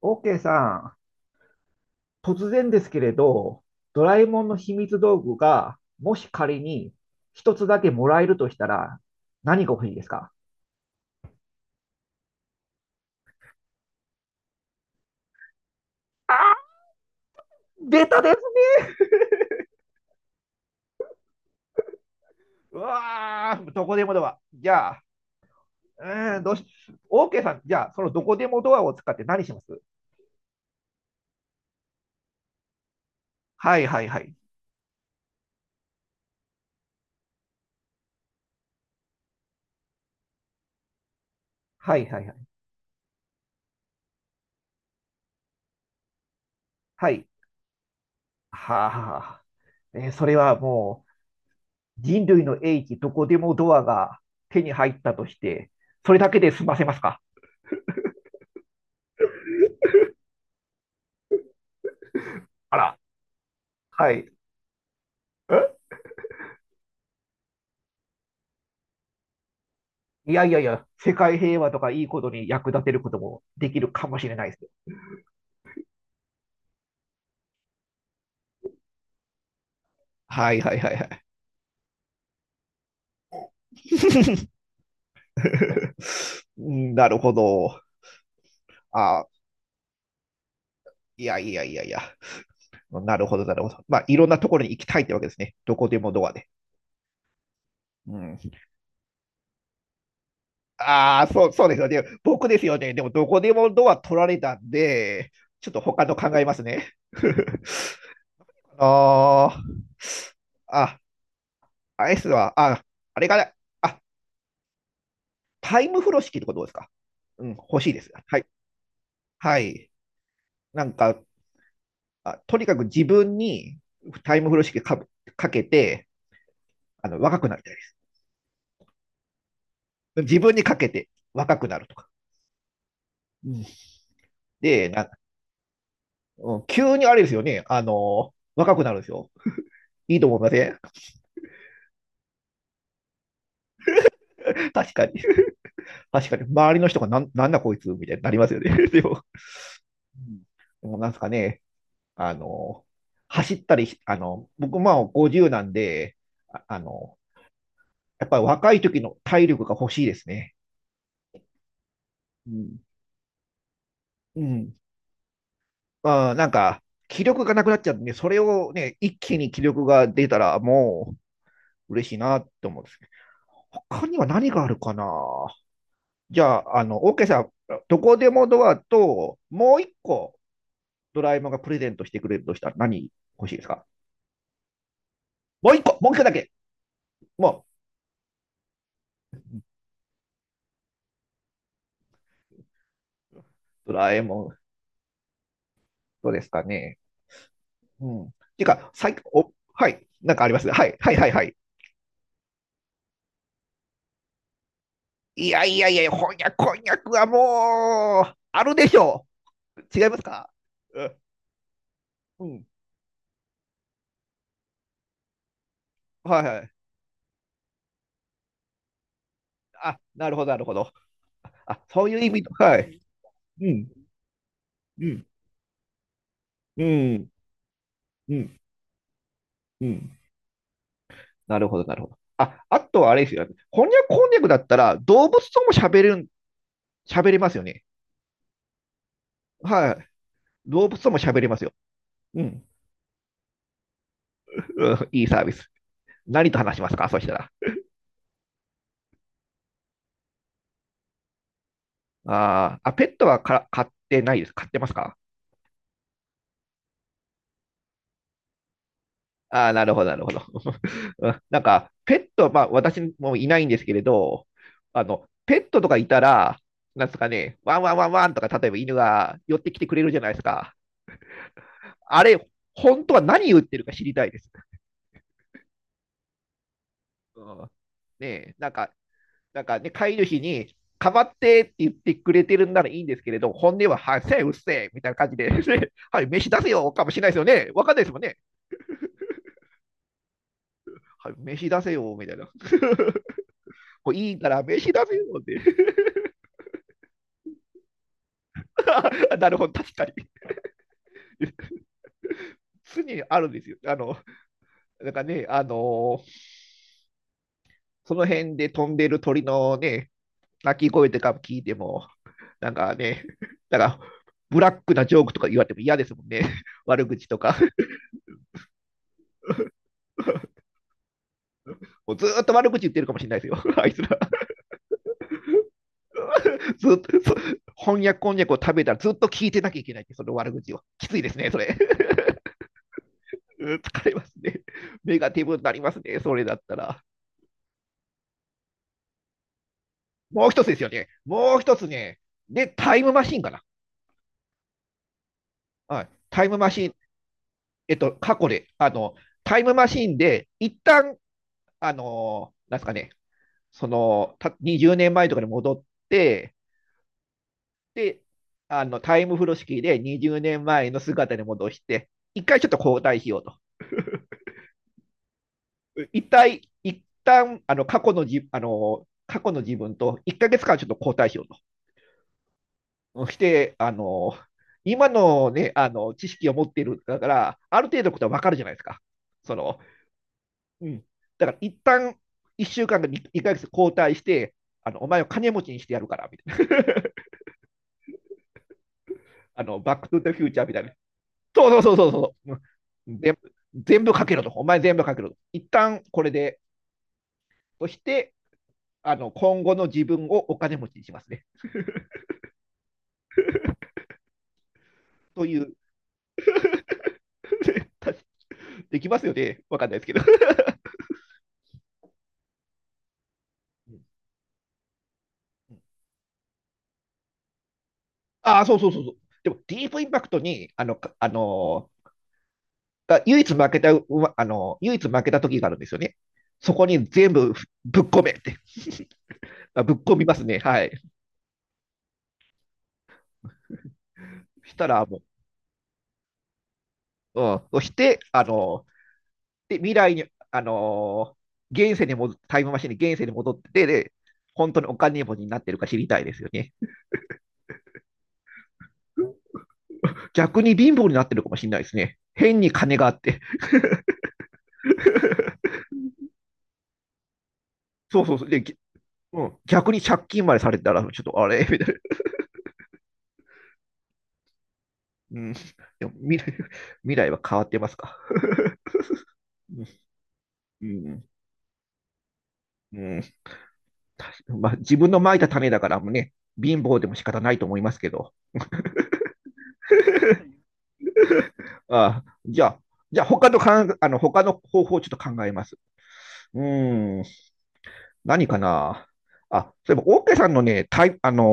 OK さん、突然ですけれど、ドラえもんの秘密道具が、もし仮に一つだけもらえるとしたら、何が欲しいですか？うわー、どこでもドア。じゃあ、うーん、どうし、OK さん、じゃあ、そのどこでもドアを使って何します？はいはいはい。はいはいはい。はい。はあ、それは人類の英知、どこでもドアが手に入ったとして、それだけで済ませますか？あら、はい。え、いやいやいや、世界平和とかいいことに役立てることもできるかもしれないですよ。はいはいはいはい。うん、なるほど。あ、いやいやいやいや。なるほど、なるほど。まあ、いろんなところに行きたいってわけですね。どこでもドアで。うん、ああ、そうそうですよね。僕ですよね。でも、どこでもドア取られたんで、ちょっと他の考えますね。あのーあ、アイスは、あ、あれかな。あ、タイム風呂式とかどうですか？うん、欲しいです。はい。はい。なんか、あとにかく自分にタイム風呂式かかけて、若くなりたいです。自分にかけて若くなるとか。うん、で、な、うん、急にあれですよね。あの若くなるんですよ。いいと思いません？ 確かに。確かに。周りの人がなんなんだこいつみたいになりますよね。でも、うん、でもなんですかね、あの、走ったりし、僕まあ50なんで、ああの、やっぱり若い時の体力が欲しいですね。うん。うん。まあ、なんか、気力がなくなっちゃうんで、それをね、一気に気力が出たら、もう嬉しいなって思うんですけど、他には何があるかな。じゃあ、OK さん、どこでもドアと、もう一個、ドラえもんがプレゼントしてくれるとしたら何欲しいですか？もう一個、もう一個だけ、もう、ドラえもん、どうですかね。うん。ていうか、はい、なんかありますね、はい、はい、はい、はい。いやいやいや、翻訳はもう、あるでしょう。違いますか？うん、うん。はいはい。あ、なるほど、なるほど。あ、そういう意味の、はい。うん、うん、うん、うん、うん。なるほど、なるほど。あ、あとはあれですよね。翻訳だったら、動物とも喋れる、喋れますよね。はい。動物とも喋れますよ。うん。うん、いいサービス。何と話しますかそしたら。あーあ、ペットはか飼ってないです。飼ってますか？ああ、なるほど、なるほど。うん、なんか、ペット、まあ、私もいないんですけれど、ペットとかいたら、なんですかね、ワンワンワンワンとか、例えば犬が寄ってきてくれるじゃないですか。あれ、本当は何言ってるか知りたいです。うん、ねえ、なんか、なんかね、飼い主に、かまってって言ってくれてるんならいいんですけれど、本音は、はい、せえ、うっせえ、みたいな感じで、ね、はい、飯出せよ、かもしれないですよね。わかんないですもんね。はい、飯出せよ、みたいな。こういいから、飯出せよって。なるほど、確かに。常にあるんですよ。なんかね、その辺で飛んでる鳥のね、鳴き声とか聞いても、なんかね、なんか、ブラックなジョークとか言われても嫌ですもんね。悪口とか。もうずっと悪口言ってるかもしれないですよ。あいつら。ずっと、翻訳こんにゃくを食べたらずっと聞いてなきゃいけないって、その悪口を。きついですね、それ。疲れますね。ネガティブになりますね、それだったら。もう一つですよね。もう一つね。で、タイムマシンかな。はい。タイムマシえっと、過去で、タイムマシンで、一旦、あの、なんですかね、その、た20年前とかに戻って、で、タイム風呂式で20年前の姿に戻して、一回ちょっと交代しようと。一旦、過去の自分と1ヶ月間ちょっと交代しようと。して、今のね、知識を持っているだから、ある程度のことはわかるじゃないですか。その、うん、だから一旦一週間か1ヶつ交代して、あのお前を金持ちにしてやるからみたいな。 あのバック・トゥ・ザ・フューチャーみたいな。そうそうそうそうそう。全部全部かけろと。お前全部かけろと。一旦これで、そしてあの今後の自分をお金持ちにしますね。という できますよね。わかんないですけど ああ、そうそうそうそう。でも、ディープインパクトに、が唯一負けた、うまあの、唯一負けた時があるんですよね。そこに全部ぶっ込めって。あ ぶっ込みますね。はい。したらもう、うん。そして、未来に、あのー現世にも、タイムマシンに現世に戻ってで、本当にお金持ちになってるか知りたいですよね。逆に貧乏になってるかもしれないですね。変に金があって。そうそうそう。で、うん、逆に借金までされたら、ちょっとあれみたいな。うん。でも未 来、は変わってますか。う、うん。うん まあ、自分のまいた種だからもね、貧乏でも仕方ないと思いますけど。あじゃあ、じゃあ他のかんあの他の方法をちょっと考えます。うーん、何かな。あ、そういえば、オーケーさんのね、タイあの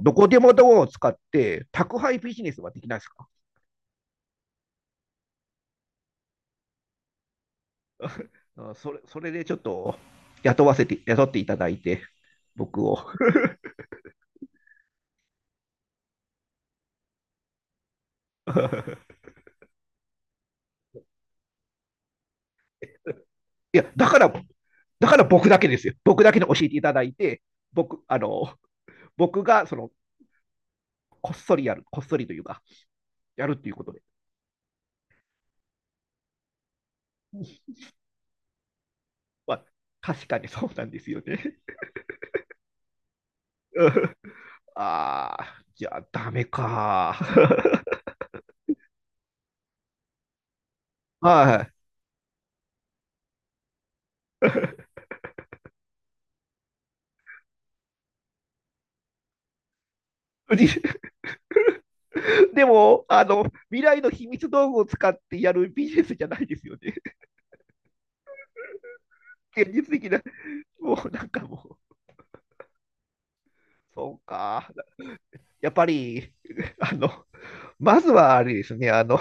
ーどこでもドアを使って宅配ビジネスはできないですか？うん、それそれでちょっと雇っていただいて、僕を。いや、だから、だから僕だけですよ。僕だけに教えていただいて、僕、僕がその、こっそりやる、こっそりというか、やるっていうこと。まあ、確かにそうなんですよね。うん、ああ、じゃあダメか。はい。で、でも、未来の秘密道具を使ってやるビジネスじゃないですよね。現実的な、もうなんかもう、そうか。やっぱり、あの、まずはあれですね、あの、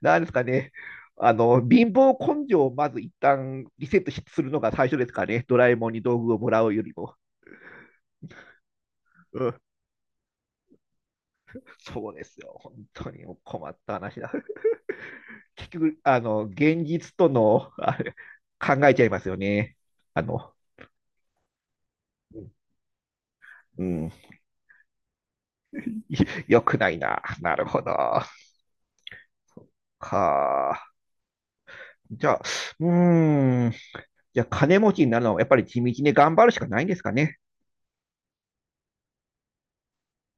なんですかね、あの、貧乏根性をまず一旦リセットしするのが最初ですかね、ドラえもんに道具をもらうよりも。うん、そうですよ。本当にも困った話だ。結局、現実との、あれ、考えちゃいますよね。あの、うん、うん 良くないな。なるほど。か。じゃあ、うーん。じゃあ、金持ちになるのは、やっぱり地道に頑張るしかないんですかね。